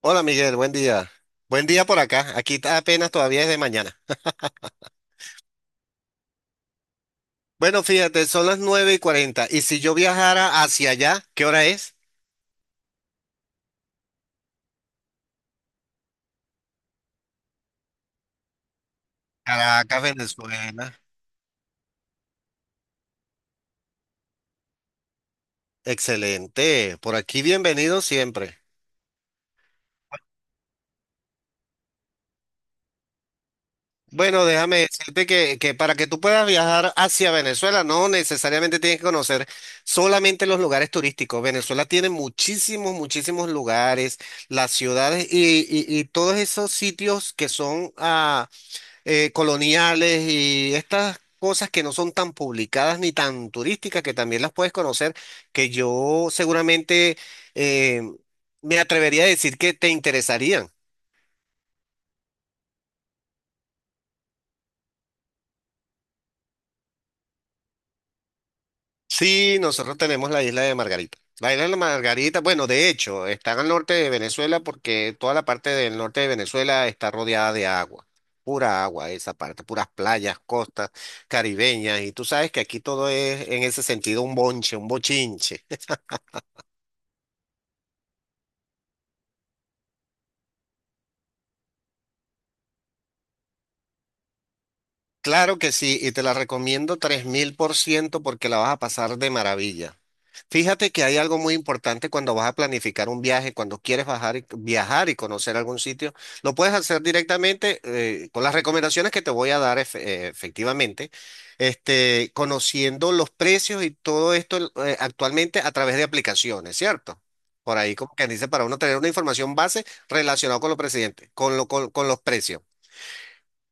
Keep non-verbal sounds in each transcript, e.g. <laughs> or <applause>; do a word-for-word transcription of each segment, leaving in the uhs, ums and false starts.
Hola Miguel, buen día. Buen día por acá. Aquí ta- apenas todavía es de mañana. Bueno, fíjate, son las nueve y cuarenta. Y si yo viajara hacia allá, ¿qué hora es? Caracas, Venezuela. Excelente. Por aquí bienvenido siempre. Bueno, déjame decirte que, que para que tú puedas viajar hacia Venezuela, no necesariamente tienes que conocer solamente los lugares turísticos. Venezuela tiene muchísimos, muchísimos lugares, las ciudades y, y- y todos esos sitios que son ah, eh, coloniales y estas cosas que no son tan publicadas ni tan turísticas, que también las puedes conocer, que yo seguramente eh, me atrevería a decir que te interesarían. Sí, nosotros tenemos la isla de Margarita. La isla de la Margarita, bueno, de hecho, está al norte de Venezuela porque toda la parte del norte de Venezuela está rodeada de agua, pura agua esa parte, puras playas, costas caribeñas, y tú sabes que aquí todo es en ese sentido un bonche, un bochinche. Claro que sí, y te la recomiendo tres mil por ciento porque la vas a pasar de maravilla. Fíjate que hay algo muy importante cuando vas a planificar un viaje, cuando quieres bajar y- viajar y conocer algún sitio, lo puedes hacer directamente eh, con las recomendaciones que te voy a dar efe- eh, efectivamente, este, conociendo los precios y todo esto eh, actualmente a través de aplicaciones, ¿cierto? Por ahí como que dice para uno tener una información base relacionada con los presidentes, con lo, con con los precios.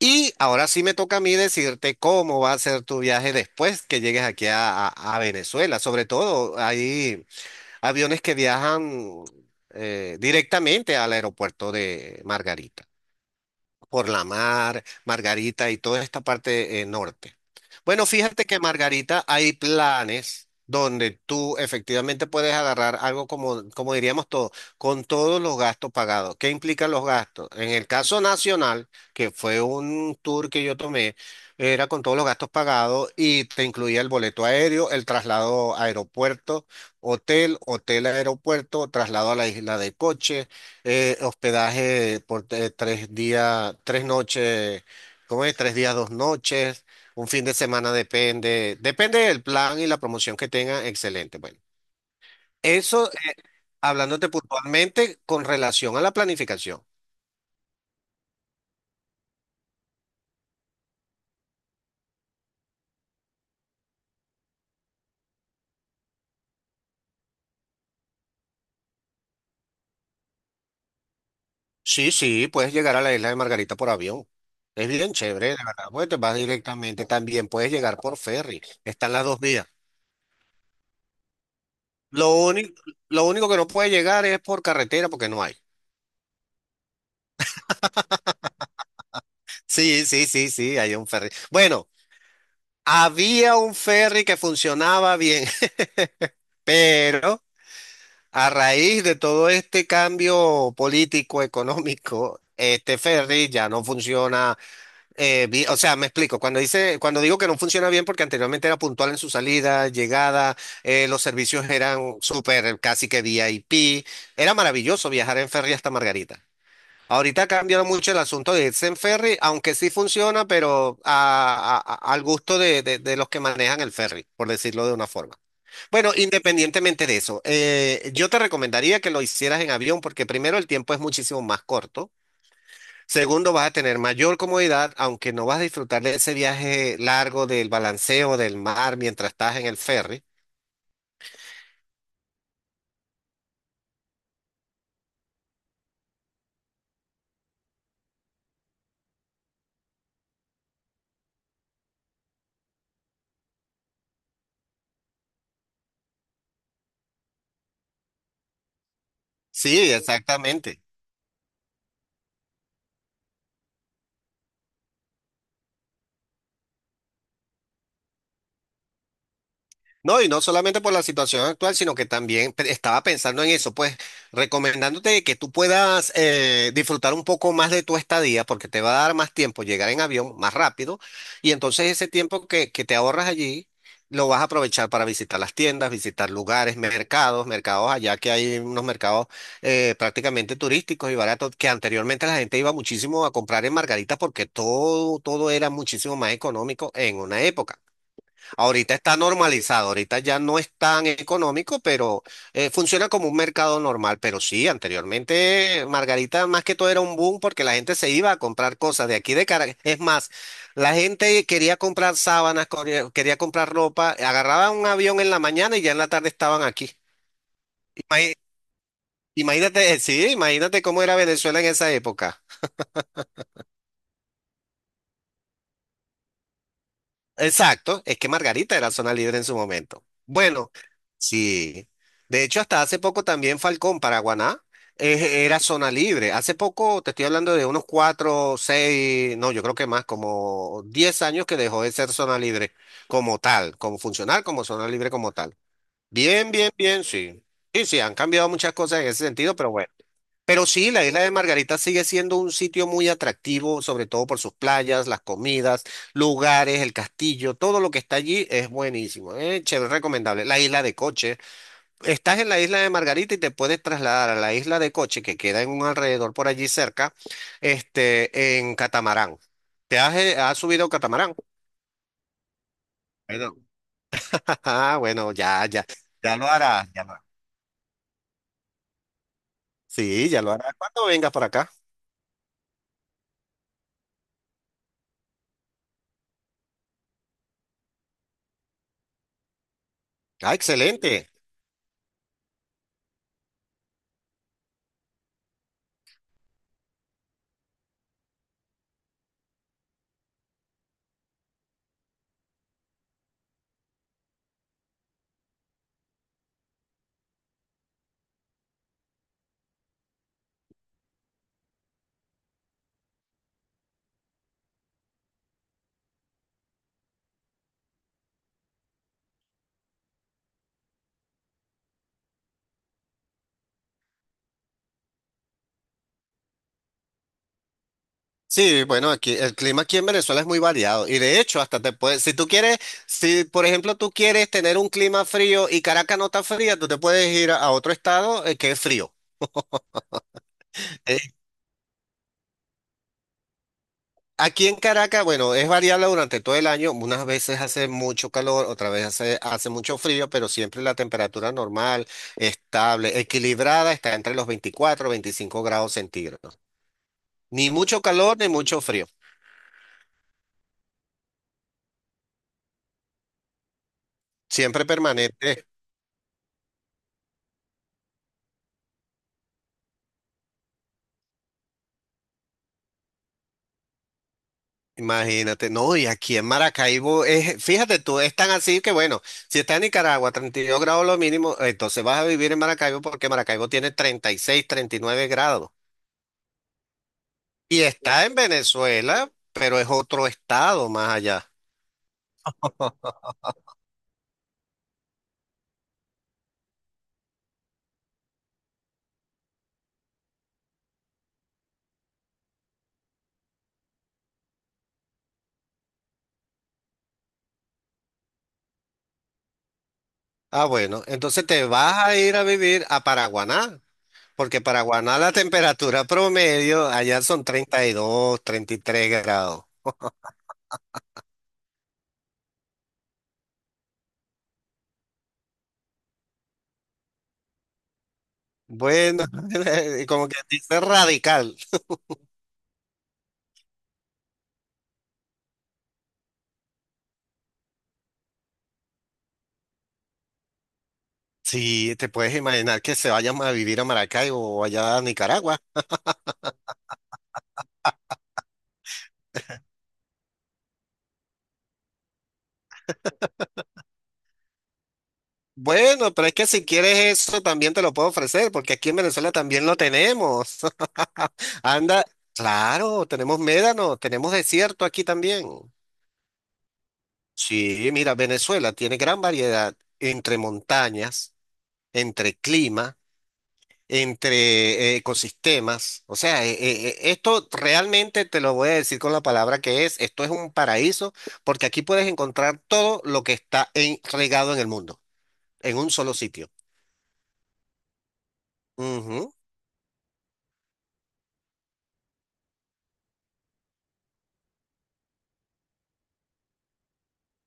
Y ahora sí me toca a mí decirte cómo va a ser tu viaje después que llegues aquí a, a- a Venezuela. Sobre todo, hay aviones que viajan eh, directamente al aeropuerto de Margarita por la mar, Margarita y toda esta parte eh, norte. Bueno, fíjate que Margarita hay planes donde tú efectivamente puedes agarrar algo como, como diríamos todo, con todos los gastos pagados. ¿Qué implican los gastos? En el caso nacional, que fue un tour que yo tomé, era con todos los gastos pagados y te incluía el boleto aéreo, el traslado a aeropuerto, hotel, hotel a aeropuerto, traslado a la isla de coche eh, hospedaje por eh, tres días, tres noches, ¿cómo es? Tres días, dos noches, un fin de semana, depende, depende del plan y la promoción que tengan, excelente. Bueno, eso eh, hablándote puntualmente con relación a la planificación. Sí, sí, puedes llegar a la isla de Margarita por avión. Es bien chévere, de verdad, porque te vas directamente. También puedes llegar por ferry. Están las dos vías. Lo único, lo único que no puede llegar es por carretera porque no hay. <laughs> Sí, sí, sí, sí, hay un ferry. Bueno, había un ferry que funcionaba bien, <laughs> pero a raíz de todo este cambio político, económico, este ferry ya no funciona. Eh, bi- o sea, me explico. Cuando dice, cuando digo que no funciona bien, porque anteriormente era puntual en su salida, llegada, eh, los servicios eran súper, casi que V I P. Era maravilloso viajar en ferry hasta Margarita. Ahorita cambió mucho el asunto de irse en ferry, aunque sí funciona, pero a- a- a- al gusto de, de- de los que manejan el ferry, por decirlo de una forma. Bueno, independientemente de eso, eh, yo te recomendaría que lo hicieras en avión porque primero el tiempo es muchísimo más corto. Segundo, vas a tener mayor comodidad, aunque no vas a disfrutar de ese viaje largo del balanceo del mar mientras estás en el ferry. Sí, exactamente. No, y no solamente por la situación actual, sino que también pe- estaba pensando en eso, pues recomendándote que tú puedas eh, disfrutar un poco más de tu estadía, porque te va a dar más tiempo llegar en avión más rápido, y entonces ese tiempo que, que te ahorras allí lo vas a aprovechar para visitar las tiendas, visitar lugares, mercados, mercados allá que hay unos mercados eh, prácticamente turísticos y baratos, que anteriormente la gente iba muchísimo a comprar en Margarita porque todo, todo era muchísimo más económico en una época. Ahorita está normalizado, ahorita ya no es tan económico, pero eh, funciona como un mercado normal. Pero sí, anteriormente Margarita más que todo era un boom porque la gente se iba a comprar cosas de aquí de Caracas. Es más, la gente quería comprar sábanas, corría- quería comprar ropa, agarraban un avión en la mañana y ya en la tarde estaban aquí. Imagi- Imagínate, <laughs> eh, sí, imagínate cómo era Venezuela en esa época. Exacto, es que Margarita era zona libre en su momento. Bueno, sí. De hecho, hasta hace poco también Falcón, Paraguaná, eh, era zona libre. Hace poco, te estoy hablando de unos cuatro, seis, no, yo creo que más, como diez años que dejó de ser zona libre como tal, como funcional, como zona libre como tal. Bien, bien, bien, sí. Sí, sí, han cambiado muchas cosas en ese sentido, pero bueno. Pero sí, la isla de Margarita sigue siendo un sitio muy atractivo, sobre todo por sus playas, las comidas, lugares, el castillo, todo lo que está allí es buenísimo, eh, chévere, recomendable. La isla de Coche. Estás en la isla de Margarita y te puedes trasladar a la isla de Coche, que queda en un alrededor por allí cerca, este, en catamarán. ¿Te has, eh, has subido catamarán? Bueno. <laughs> Ah, bueno, ya, ya. Ya lo harás, ya lo harás. Sí, ya lo harás cuando vengas por acá. Ah, excelente. Sí, bueno, aquí el clima aquí en Venezuela es muy variado y de hecho hasta te puedes, si tú quieres, si por ejemplo tú quieres tener un clima frío y Caracas no está fría, tú te puedes ir a a otro estado eh, que es frío. Eh, Aquí en Caracas, bueno, es variable durante todo el año, unas veces hace mucho calor, otras veces hace, hace mucho frío, pero siempre la temperatura normal, estable, equilibrada, está entre los veinticuatro y veinticinco grados centígrados. Ni mucho calor ni mucho frío, siempre permanente. Imagínate, no, y aquí en Maracaibo es, fíjate tú, es tan así que bueno, si está en Nicaragua, treinta y dos grados lo mínimo, entonces vas a vivir en Maracaibo porque Maracaibo tiene treinta, treinta y seis, treinta y nueve grados. Y está en Venezuela, pero es otro estado más allá. Ah, bueno, entonces te vas a ir a vivir a Paraguaná, porque Paraguaná la temperatura promedio allá son treinta, treinta y dos, treinta y tres grados. Bueno, <laughs> como que dice radical. Si te puedes imaginar que se vayan a vivir a Maracaibo o allá a Nicaragua. Bueno, pero es que si quieres eso también te lo puedo ofrecer, porque aquí en Venezuela también lo tenemos. <laughs> Anda, claro, tenemos médano, tenemos desierto aquí también. Sí, mira, Venezuela tiene gran variedad entre montañas, entre clima, entre eh, ecosistemas. O sea, eh, eh, eh, esto realmente te lo voy a decir con la palabra que es, esto es un paraíso porque aquí puedes encontrar todo lo que está en- regado en el mundo, en un solo sitio. Ujú.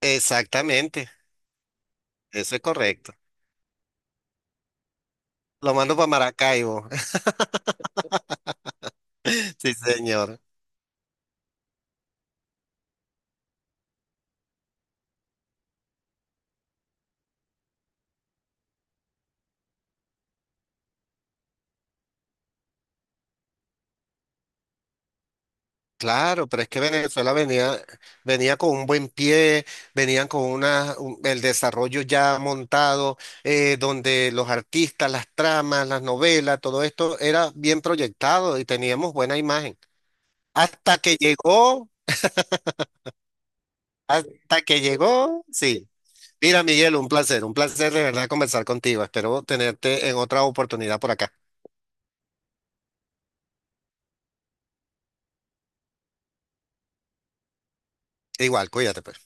Exactamente, eso es correcto. Lo mando para Maracaibo. <laughs> Sí, señor. Claro, pero es que Venezuela venía, venía con un buen pie, venían con una, un- el desarrollo ya montado, eh, donde los artistas, las tramas, las novelas, todo esto era bien proyectado y teníamos buena imagen. Hasta que llegó, hasta que llegó, sí. Mira, Miguel, un placer, un placer de verdad conversar contigo. Espero tenerte en otra oportunidad por acá. Igual, cuídate, pues.